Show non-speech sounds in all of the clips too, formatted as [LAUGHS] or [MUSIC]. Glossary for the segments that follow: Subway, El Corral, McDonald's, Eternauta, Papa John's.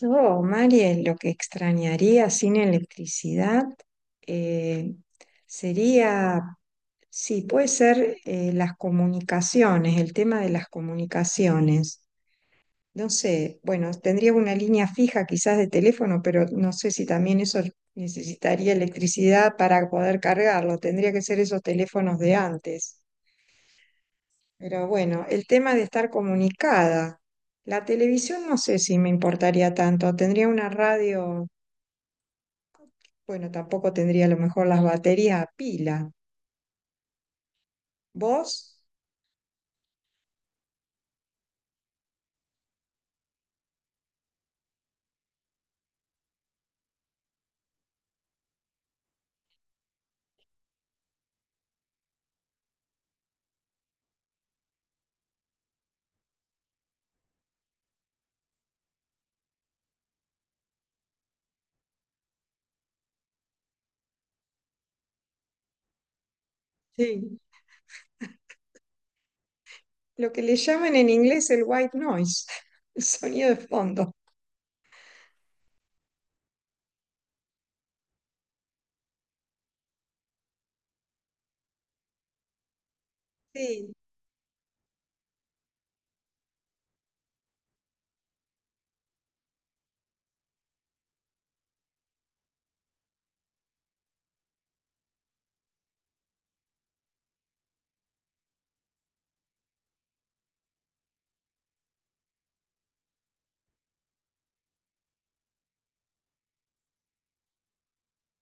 Yo, Mari, lo que extrañaría sin electricidad eh, sería, sí, puede ser las comunicaciones, el tema de las comunicaciones. No sé, bueno, tendría una línea fija quizás de teléfono, pero no sé si también eso necesitaría electricidad para poder cargarlo. Tendría que ser esos teléfonos de antes. Pero bueno, el tema de estar comunicada. La televisión no sé si me importaría tanto. Tendría una radio. Bueno, tampoco tendría a lo mejor las baterías a pila. ¿Vos? Sí. Lo que le llaman en inglés el white noise, [LAUGHS] el sonido de fondo. Sí,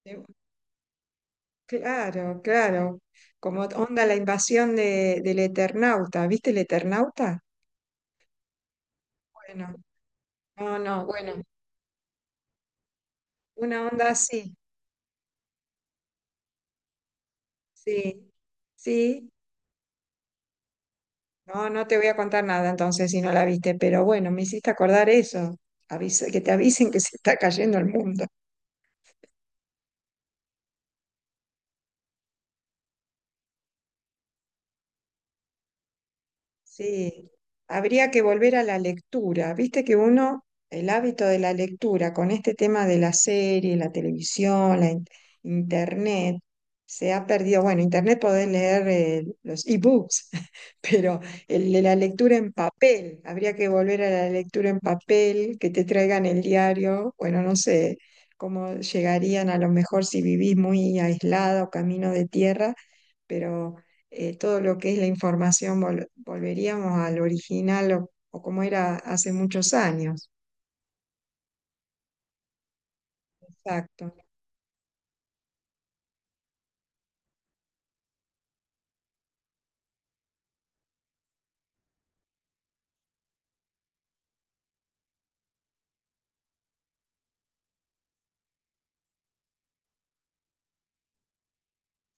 eh, claro, claro. Como onda la invasión del Eternauta. ¿Viste el Eternauta? Bueno, no, no, bueno, una onda así. Sí, sí. No, no te voy a contar nada entonces si no la viste, pero bueno, me hiciste acordar eso. Avisa, que te avisen que se está cayendo el mundo. Sí, habría que volver a la lectura. Viste que uno, el hábito de la lectura con este tema de la serie, la televisión, internet, se ha perdido. Bueno, internet podés leer los ebooks, [LAUGHS] pero el de la lectura en papel, habría que volver a la lectura en papel, que te traigan el diario. Bueno, no sé cómo llegarían a lo mejor si vivís muy aislado, camino de tierra, pero todo lo que es la información volveríamos al original o como era hace muchos años. Exacto.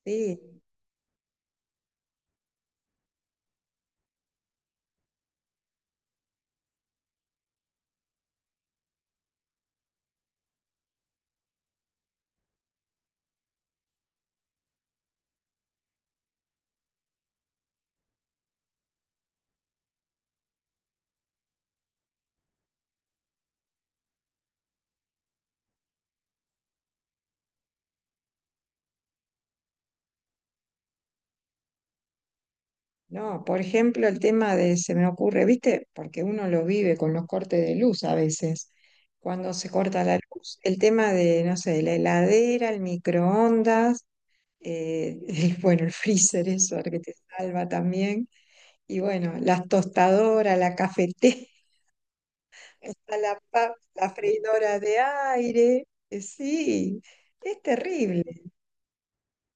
Sí, no, por ejemplo, el tema de, se me ocurre, ¿viste? Porque uno lo vive con los cortes de luz a veces. Cuando se corta la luz, el tema de, no sé, la heladera, el microondas, [LAUGHS] bueno, el freezer, eso, el que te salva también. Y bueno, las tostadoras, la cafetera. Está la freidora de aire, sí, es terrible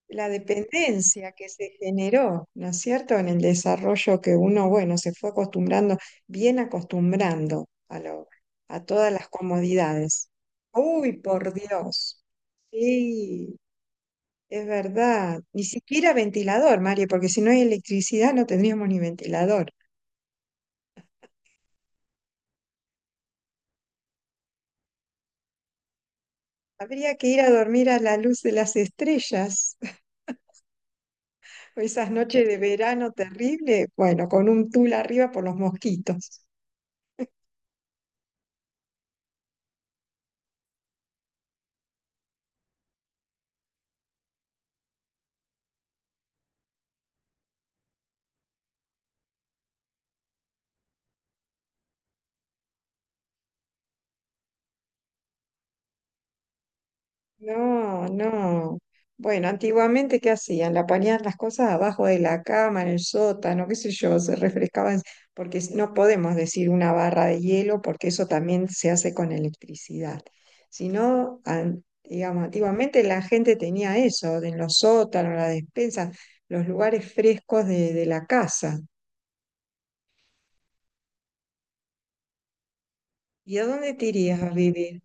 la dependencia que se generó, ¿no es cierto? En el desarrollo que uno, bueno, se fue acostumbrando, bien acostumbrando a lo, a todas las comodidades. Uy, por Dios, sí, es verdad. Ni siquiera ventilador, Mario, porque si no hay electricidad no tendríamos ni ventilador. Habría que ir a dormir a la luz de las estrellas. Esas noches de verano terrible, bueno, con un tul arriba por los mosquitos. No, no. Bueno, antiguamente, ¿qué hacían? La ponían las cosas abajo de la cama, en el sótano, qué sé yo, se refrescaban, porque no podemos decir una barra de hielo, porque eso también se hace con electricidad. Sino, digamos, antiguamente la gente tenía eso, en los sótanos, las despensas, los lugares frescos de la casa. ¿Y a dónde te irías a vivir?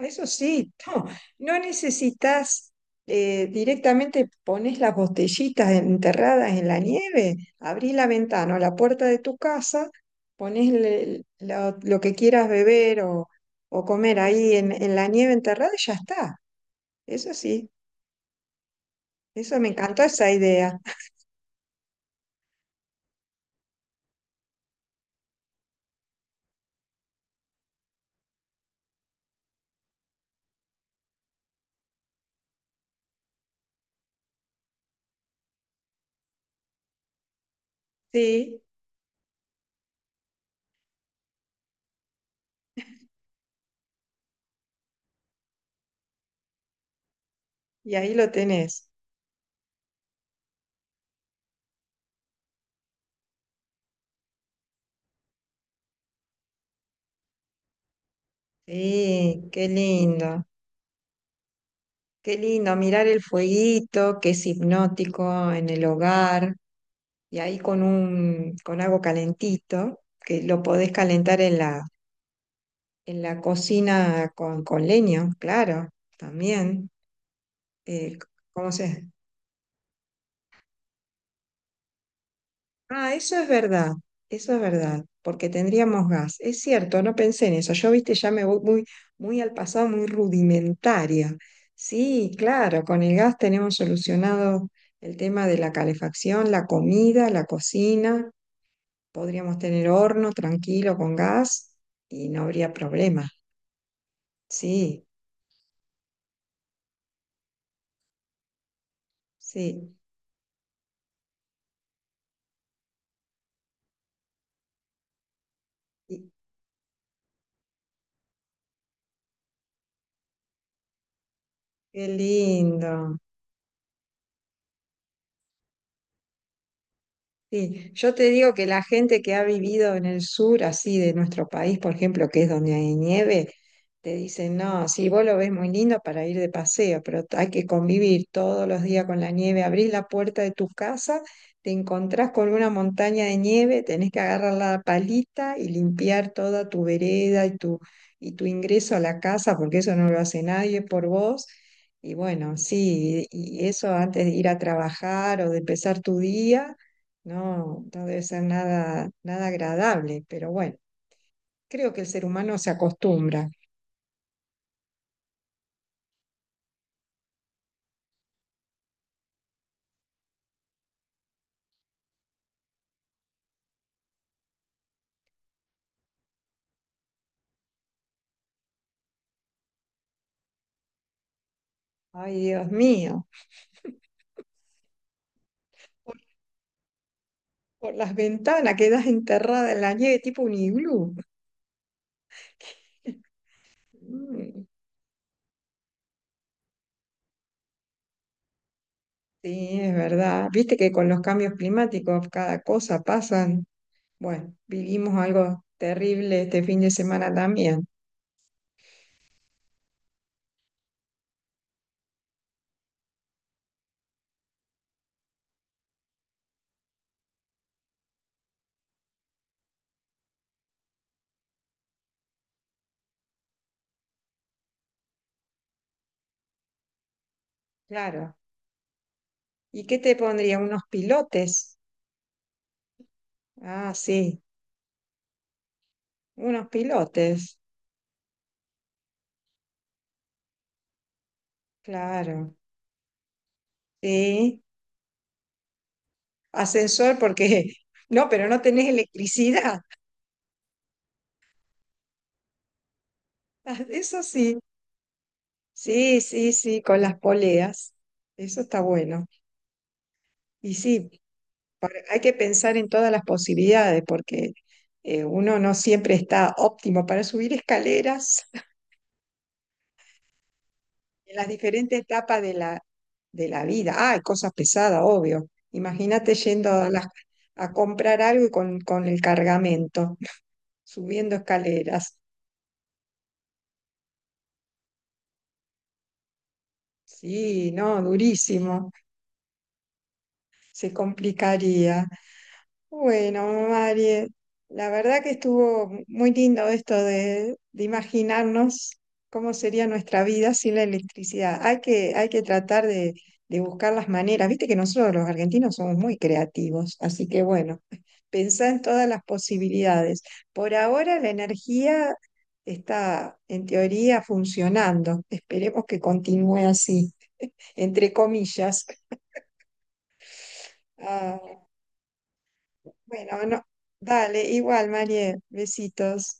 Eso sí, no, no necesitas directamente pones las botellitas enterradas en la nieve, abrís la ventana o la puerta de tu casa, pones lo que quieras beber o comer ahí en la nieve enterrada y ya está. Eso sí, eso me encantó esa idea. Sí, y ahí lo tenés. Sí, qué lindo mirar el fueguito que es hipnótico en el hogar. Y ahí con un, con algo calentito, que lo podés calentar en la cocina con leño, claro, también. Eh, ¿Cómo se? Ah, eso es verdad, porque tendríamos gas. Es cierto, no pensé en eso. Yo, viste, ya me voy muy, muy al pasado, muy rudimentaria. Sí, claro, con el gas tenemos solucionado el tema de la calefacción, la comida, la cocina. Podríamos tener horno tranquilo con gas y no habría problema. Sí, sí. Y- Qué lindo. Sí. Yo te digo que la gente que ha vivido en el sur, así de nuestro país, por ejemplo, que es donde hay nieve, te dicen, no, sí, vos lo ves muy lindo para ir de paseo, pero hay que convivir todos los días con la nieve. Abrís la puerta de tu casa, te encontrás con una montaña de nieve, tenés que agarrar la palita y limpiar toda tu vereda y tu ingreso a la casa, porque eso no lo hace nadie por vos. Y bueno, sí, y eso antes de ir a trabajar o de empezar tu día, no, no debe ser nada, nada agradable, pero bueno, creo que el ser humano se acostumbra. Ay, Dios mío. Por, por las ventanas quedas enterrada en la nieve tipo un iglú. Mm, sí, es verdad. Viste que con los cambios climáticos cada cosa pasan. Bueno, vivimos algo terrible este fin de semana también. Claro. ¿Y qué te pondría? ¿Unos pilotes? Ah, sí, unos pilotes. Claro. Sí. Ascensor porque... [LAUGHS] No, pero no tenés electricidad. [LAUGHS] Eso sí. Sí, sí, sí, con las poleas. Eso está bueno. Y sí, hay que pensar en todas las posibilidades porque uno no siempre está óptimo para subir escaleras [LAUGHS] en las diferentes etapas de la vida. Ah, hay cosas pesadas, obvio. Imagínate yendo a comprar algo y con el cargamento, [LAUGHS] subiendo escaleras. Sí, no, durísimo. Se complicaría. Bueno, Marie, la verdad que estuvo muy lindo esto de imaginarnos cómo sería nuestra vida sin la electricidad. Hay que tratar de buscar las maneras. Viste que nosotros los argentinos somos muy creativos, así que bueno, pensá en todas las posibilidades. Por ahora la energía está en teoría funcionando. Esperemos que continúe así, entre comillas. Ah, bueno, no, dale, igual, Marie, besitos.